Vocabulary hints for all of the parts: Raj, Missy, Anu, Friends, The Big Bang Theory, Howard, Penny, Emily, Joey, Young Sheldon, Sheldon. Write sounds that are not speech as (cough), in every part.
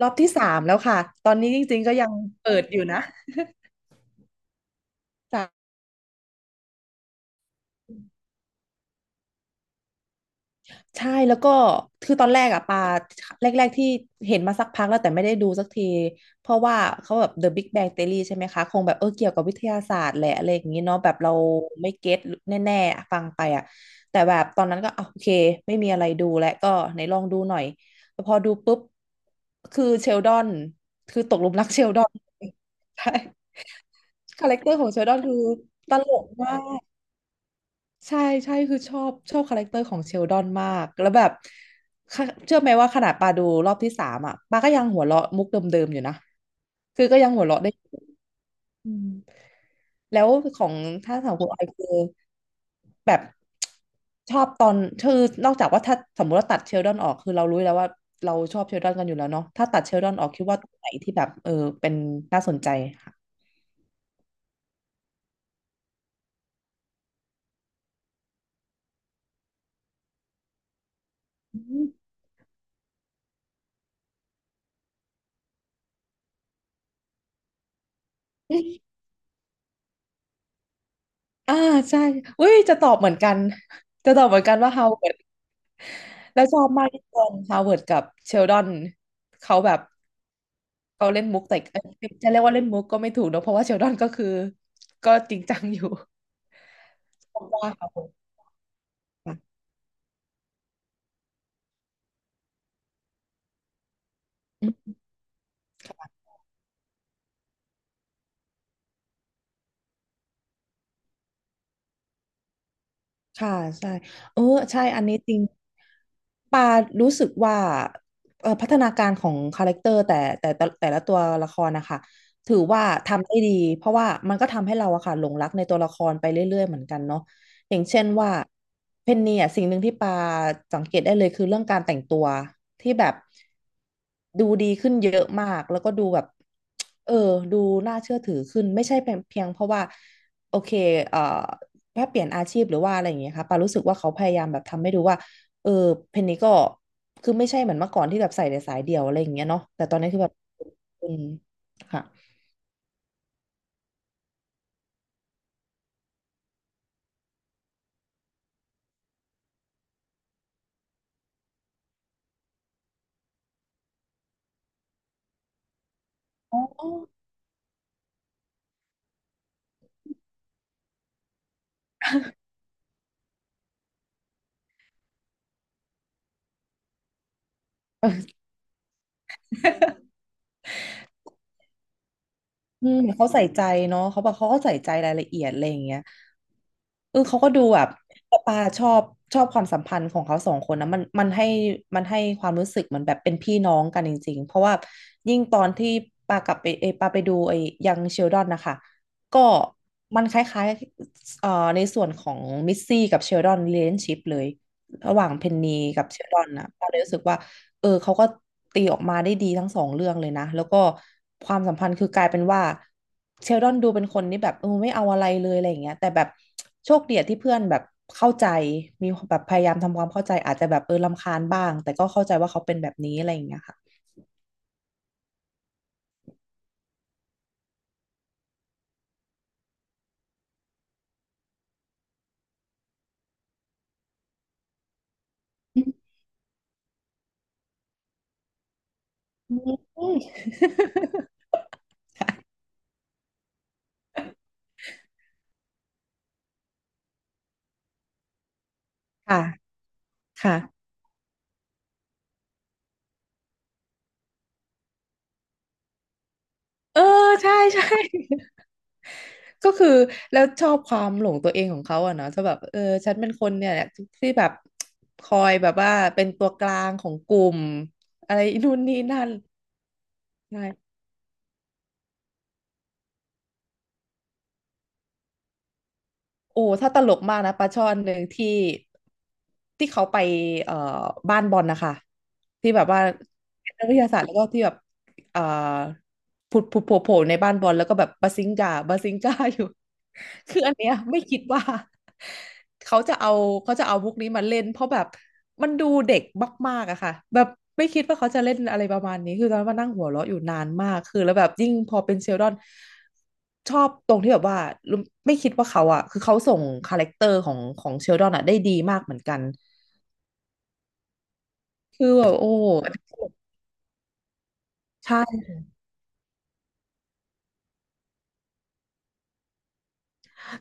รอบที่สามแล้วค่ะ ตอนนี้จริงๆก็ยังเปิดอยู่นะจ้ะใช่แล้วก็คือตอนแรกอะปาแรกๆที่เห็นมาสักพักแล้วแต่ไม่ได้ดูสักทีเพราะว่าเขาแบบ The Big Bang Theory ใช่ไหมคะคงแบบเกี่ยวกับวิทยาศาสตร์แหละอะไรอย่างนี้เนาะแบบเราไม่เก็ตแน่ๆอะฟังไปอะแต่แบบตอนนั้นก็อ่ะโอเคไม่มีอะไรดูแล้วก็ไหนลองดูหน่อยแต่พอดูปุ๊บคือเชลดอนคือตกหลุมรักเชลดอน (laughs) ใช่คาแรคเตอร์ของเชลดอนคือตลกมาก ใช่ใช่คือชอบคาแรคเตอร์ของเชลดอนมากแล้วแบบค่ะเชื่อไหมว่าขนาดปาดูรอบที่สามอ่ะปาก็ยังหัวเราะมุกเดิมๆอยู่นะคือก็ยังหัวเราะได้อยู่อืมแล้วของถ้าสาวคุณออยคือแบบชอบตอนคือนอกจากว่าถ้าสมมติว่าตัดเชลดอนออกคือเรารู้แล้วว่าเราชอบเชลดอนกันอยู่แล้วเนาะถ้าตัดเชลดอนออกคิดว่าตรงไหนที่แบบเป็นน่าสนใจค่ะอืมอ่าใช่อุ้ยจะตอบเหมือนกันจะตอบเหมือนกันว่าเฮาเหมือน แล้วชอบมากที่ตอนฮาวเวิร์ดกับเชลดอนเขาแบบเขาเล่นมุกแต่เอ้ยจะเรียกว่าเล่นมุกก็ไม่ถูกเนอะเพราะว่าเชลดอนก็คือก็จริงจังอยู่ (laughs) ชอบมากค่ะผม ค่ะใช่เออใช่อันนี้จริงปารู้สึกว่าพัฒนาการของคาแรคเตอร์แต่ละตัวละครนะคะถือว่าทำได้ดีเพราะว่ามันก็ทำให้เราอะค่ะหลงรักในตัวละครไปเรื่อยๆเหมือนกันเนาะอย่างเช่นว่าเพนนีอะสิ่งหนึ่งที่ปาสังเกตได้เลยคือเรื่องการแต่งตัวที่แบบดูดีขึ้นเยอะมากแล้วก็ดูแบบเออดูน่าเชื่อถือขึ้นไม่ใช่เพียงเพราะว่าโอเคเอ่อ ถ้าเปลี่ยนอาชีพหรือว่าอะไรอย่างเงี้ยค่ะปารู้สึกว่าเขาพยายามแบบทำให้ดูว่าเออเพนนี้ก็คือไม่ใช่เหมือนเมื่อก่อนที่แบบใส่แต่สายเดียวอะไรอย่างเงี้ยเนาะแต่ตอนนี้คือแบบอืมค่ะอ๋อ อืมเขาใส่ใจเนาะเขาบอกเขาก็ใส่ใจรายละเอียดอะไรอย่างเงี้ยเออเขาก็ดูแบบปาชอบความสัมพันธ์ของเขาสองคนนะมันให้มันให้ความรู้สึกเหมือนแบบเป็นพี่น้องกันจริงๆ เพราะว่ายิ่งตอนที่ปากลับไปเอยปาไปดูไอ้ยังเชลดอนนะคะก็มันคล้ายๆในส่วนของมิสซี่กับเชลดอน relationship เลยระหว่างเพนนีกับเชลดอนนะปาเลยรู้สึกว่า เออเขาก็ตีออกมาได้ดีทั้งสองเรื่องเลยนะแล้วก็ความสัมพันธ์คือกลายเป็นว่าเชลดอนดูเป็นคนนี่แบบไม่เอาอะไรเลยอะไรอย่างเงี้ยแต่แบบโชคดีอะที่เพื่อนแบบเข้าใจมีแบบพยายามทำความเข้าใจอาจจะแบบรำคาญบ้างแต่ก็เข้าใจว่าเขาเป็นแบบนี้อะไรอย่างเงี้ยค่ะอืม (laughs) ค่ะค่ะเออใช่ใช่ ก็คือแล้วชอบความหลงตัวเองของเขาอะเนาะจะแบบฉันเป็นคนเนี่ยแหละที่แบบคอยแบบว่าเป็นตัวกลางของกลุ่มอะไรนู่นนี่นั่นใช่โอ้ถ้าตลกมากนะปลาช่อนหนึ่งที่ที่เขาไปเอ่อบ้านบอลนะคะที่แบบว่านักวิทยาศาสตร์แล้วก็ที่แบบ เอ่อผุดโผล่ในบ้านบอลแล้วก็แบบบาซิงกาบาซิงกา (laughs) อยู่ (laughs) คืออันเนี้ยไม่คิดว่าเขาจะเอาเขาจะเอาพวกนี้มาเล่นเพราะแบบมันดูเด็กมากๆอะค่ะแบบไม่คิดว่าเขาจะเล่นอะไรประมาณนี้คือตอนนั้นมานั่งหัวเราะอยู่นานมากคือแล้วแบบยิ่งพอเป็นเชลดอนชอบตรงที่แบบว่ารู้ไม่คิดว่าเขาอะคือเขาส่งคาแรคเตอร์ของเชลดอนอะได้ดีมากเหมือนกันคือแบบโอ้ใช่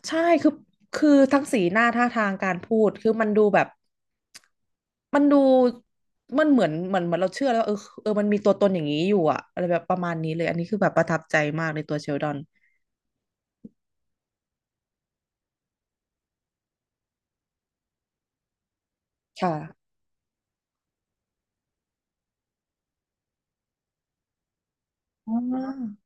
ใช่คือทั้งสีหน้าท่าทางการพูดคือมันดูแบบมันดูมันเหมือนเหมือนเหมือนเราเชื่อแล้วว่าเออมันมีตัวตนอย่างนี้อยู่อะอะไรแบบประมาณนี้เลยอันนี้คือแบบประทับใจมากในตัวเชลดอนค่ะอ๋อ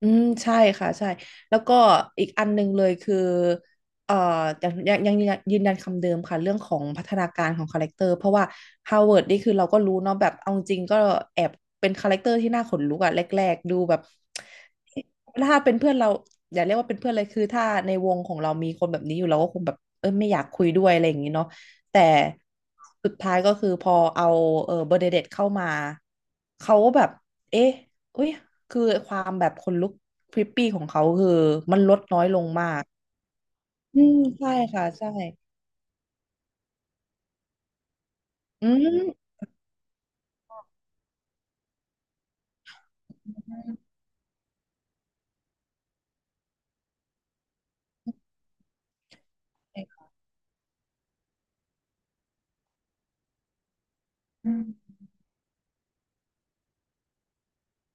อืมใช่ค่ะใช่แล้วก็อีกอันหนึงเลยคือเอ่อยังยังยังยงยืนยันคำเดิมค่ะเรื่องของพัฒนาการของคาแรคเตอร์เพราะว่าฮาวเวิร์ดนี่คือเราก็รู้เนาะแบบเอาจริงก็แอบเป็นคาแรคเตอร์ที่น่าขนลุกอะแรกๆดูแบบถ้าเป็นเพื่อนเราอย่าเรียกว่าเป็นเพื่อนเลยคือถ้าในวงของเรามีคนแบบนี้อยู่เราก็คงแบบเออไม่อยากคุยด้วยอะไรอย่างนี้เนาะแต่สุดท้ายก็คือพอเอาเออเบอร์เดเดตเข้ามาเขาก็แบบเอ๊ะ อุ้ยคือความแบบขนลุกพริปปี้ของเขาคือมันลดน้อยลงมากอืมใช่ค่ะใช่อืม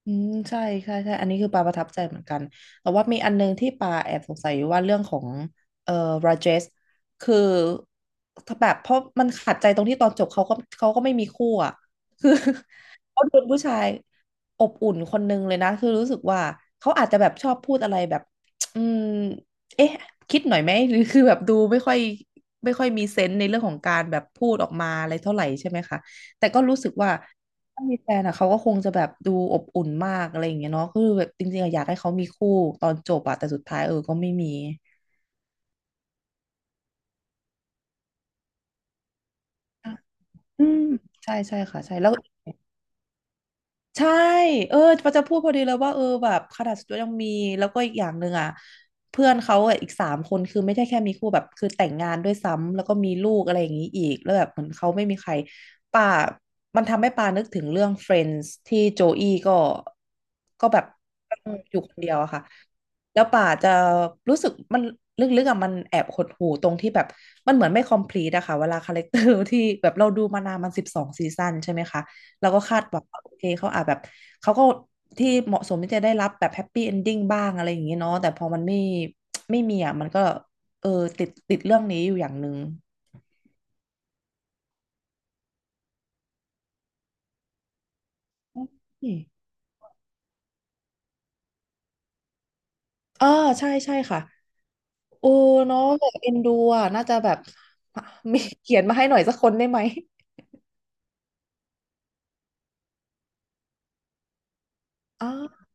อืมใช่ใช่ใช่อันนี้คือปาประทับใจเหมือนกันแต่ว่ามีอันนึงที่ปาแอบสงสัยอยู่ว่าเรื่องของเอ่อราเจสคือถ้าแบบเพราะมันขัดใจตรงที่ตอนจบเขาก็ไม่มีคู่อ่ะคือ (laughs) เขาเป็นผู้ชายอบอุ่นคนนึงเลยนะคือรู้สึกว่าเขาอาจจะแบบชอบพูดอะไรแบบอืมเอ๊ะคิดหน่อยไหมหรือคือแบบดูไม่ค่อยมีเซนส์ในเรื่องของการแบบพูดออกมาอะไรเท่าไหร่ใช่ไหมคะแต่ก็รู้สึกว่า ถ้ามีแฟนอ่ะเขาก็คงจะแบบดูอบอุ่นมากอะไรอย่างเงี้ยเนาะคือแบบจริงๆอะอยากให้เขามีคู่ตอนจบอะแต่สุดท้ายเออก็ไม่มีอืมใช่ใช่ค่ะใช่แล้ว ใช่ เออปาจะพูดพอดีเลยว่าเออแบบขนาดาสตูยังมีแล้วก็อีกอย่างหนึ่งอ่ะเพื่อนเขาอะอีกสามคนคือไม่ใช่แค่มีคู่แบบคือแต่งงานด้วยซ้ำแล้วก็มีลูกอะไรอย่างนี้อีกแล้วแบบเหมือนเขาไม่มีใครป่ามันทำให้ป่านึกถึงเรื่อง Friends ที่โจอี้ก็แบบอยู่คนเดียวอะค่ะแล้วป่าจะรู้สึกมันลึกๆอ่ะมันแอบหดหู่ตรงที่แบบมันเหมือนไม่ complete อะค่ะเวลาคาแรคเตอร์ที่แบบเราดูมานานมัน12 ซีซั่นใช่ไหมคะ เราก็คาดหวังว่าโอเคเขาอาจแบบเขาก็ที่เหมาะสมที่จะได้รับแบบแฮปปี้เอนดิ้งบ้างอะไรอย่างเงี้ยเนาะแต่พอมันไม่ไม่มีอ่ะมันก็เออติดเรื่องนี้อยู่อย่างหนึ่งอืมอ่าใช่ใช่ค่ะโอ้เนาะแบบเอ็นดูอ่ะน่าจะแบบ (laughs) มีเขียนมาให้หน่อยสักคนได้ไหมอ่า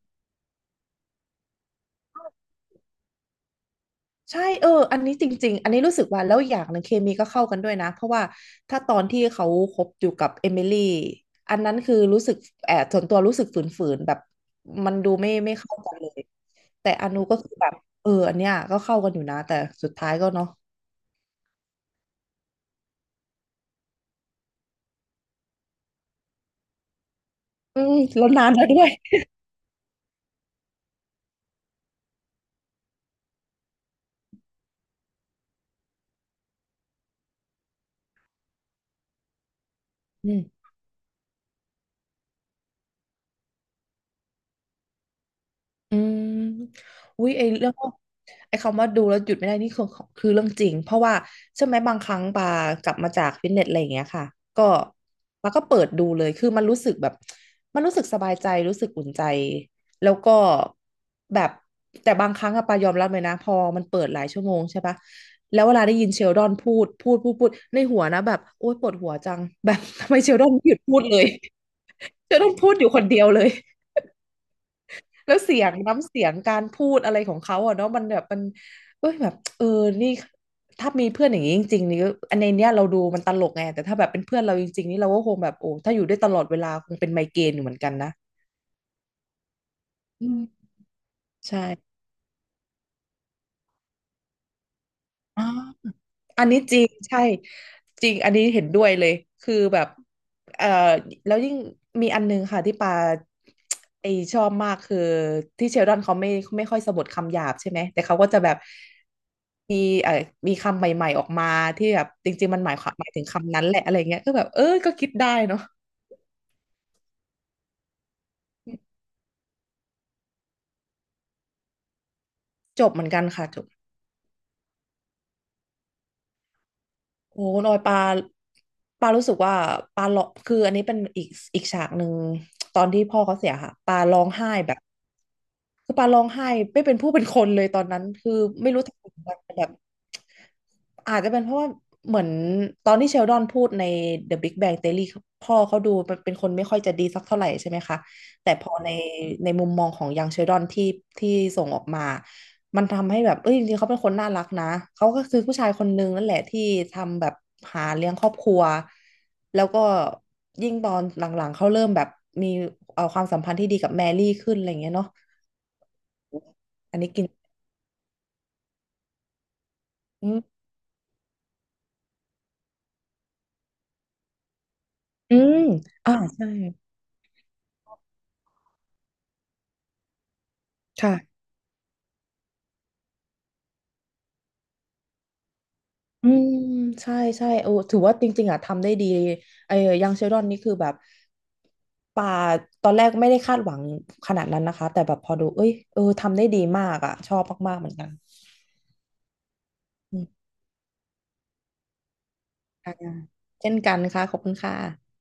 ใช่เอออันนี้จริงๆอันนี้รู้สึกว่าแล้วอย่างหนึงเคมีก็เข้ากันด้วยนะเพราะว่าถ้าตอนที่เขาคบอยู่กับเอมิลี่อันนั้นคือรู้สึกแอบส่วนตัวรู้สึกฝืนๆแบบมันดูไม่เข้ากันเลยแต่อนุก็คือแบบเอออันเนี้ยก็เข้ากันอยู่นะแต่สุดท้ายก็เนาะอืมแล้วนานแล้วด้วยอืม อืมอุ้ยไอเรื่องไอคำว่าดูแล้วหยุดไม่ได้นี่คือของคือเรื่องจริง เพราะว่าใช่อไหมบางครั้งปากลับมาจากฟิตเนสอะไรอย่างเงี้ยค่ะก็ปาก็เปิดดูเลยคือมันรู้สึกแบบมันรู้สึกสบายใจรู้สึกอุ่นใจแล้วก็แบบแต่บางครั้งอะปายอมรับเลยนะพอมันเปิดหลายชั่วโมงใช่ปะแล้วเวลาได้ยินเชลดอนพูดในหัวนะแบบโอ๊ยปวดหัวจังแบบ (laughs) ทำไมเชลดอนไม่หยุดพูดเลยเชลดอนพูดอยู่คนเดียวเลย แล้วเสียงน้ำเสียงการพูดอะไรของเขาอะเนาะมันเอ้ยแบบเออนี่ถ้ามีเพื่อนอย่างนี้จริงๆนี่ก็อันในเนี้ยเราดูมันตลกไงแต่ถ้าแบบเป็นเพื่อนเราจริงๆนี่เราก็คงแบบโอ้ถ้าอยู่ได้วยตลอดเวลาคงเป็นไมเกรนอยู่เหมือนกันนะอืมใช่อ๋อ อันนี้จริงใช่จริงอันนี้เห็นด้วยเลยคือแบบเอ่อแล้วยิ่งมีอันนึงค่ะที่ปาไอชอบมากคือที่เชลดอนเขาไม่ค่อยสะบัดคำหยาบใช่ไหมแต่เขาก็จะแบบมีเอ่อมีคำใหม่ๆออกมาที่แบบจริงๆมันหมายถึงคำนั้นแหละอะไรเงี้ยก็แบบเออก็คิดได้เนาะจบเหมือนกันค่ะจบโอ้ลอยปลาปลารู้สึกว่าปลาหลอกคืออันนี้เป็นอีกฉากหนึ่งตอนที่พ่อเขาเสียค่ะปลาร้องไห้แบบ คือปาร้องไห้ไม่เป็นผู้เป็นคนเลยตอนนั้นคือไม่รู้ทำไมเหมอนกันแต่แบบอาจจะเป็นเพราะว่าเหมือนตอนที่เชลดอนพูดใน The Big Bang Theory พ่อเขาดูเป็นคนไม่ค่อยจะดีสักเท่าไหร่ใช่ไหมคะแต่พอในมุมมองของยังเชลดอนที่ส่งออกมามันทำให้แบบเอ้ยจริงๆเขาเป็นคนน่ารักนะเขาก็คือผู้ชายคนนึงนั่นแหละที่ทำแบบหาเลี้ยงครอบครัวแล้วก็ยิ่งตอนหลังๆเขาเริ่มแบบมีเอาความสัมพันธ์ที่ดีกับแมรี่ขึ้นอะไรอย่างเงี้ยเนาะ อันนี้กินอืมอืมอ่าใช่ค่ะอืมใช่ใช่โอ้ถือว่าจริงๆอ่ะทำได้ดีไอ้ยังเชลดอนนี่คือแบบป่าตอนแรกไม่ได้คาดหวังขนาดนั้นนะคะแต่แบบพอดูเอ้ยเออทำได้ดีมากอ่ะชอบมากๆเหมือนกันอืมค่ะเช่นกันค่ะขอบคุณค่ะ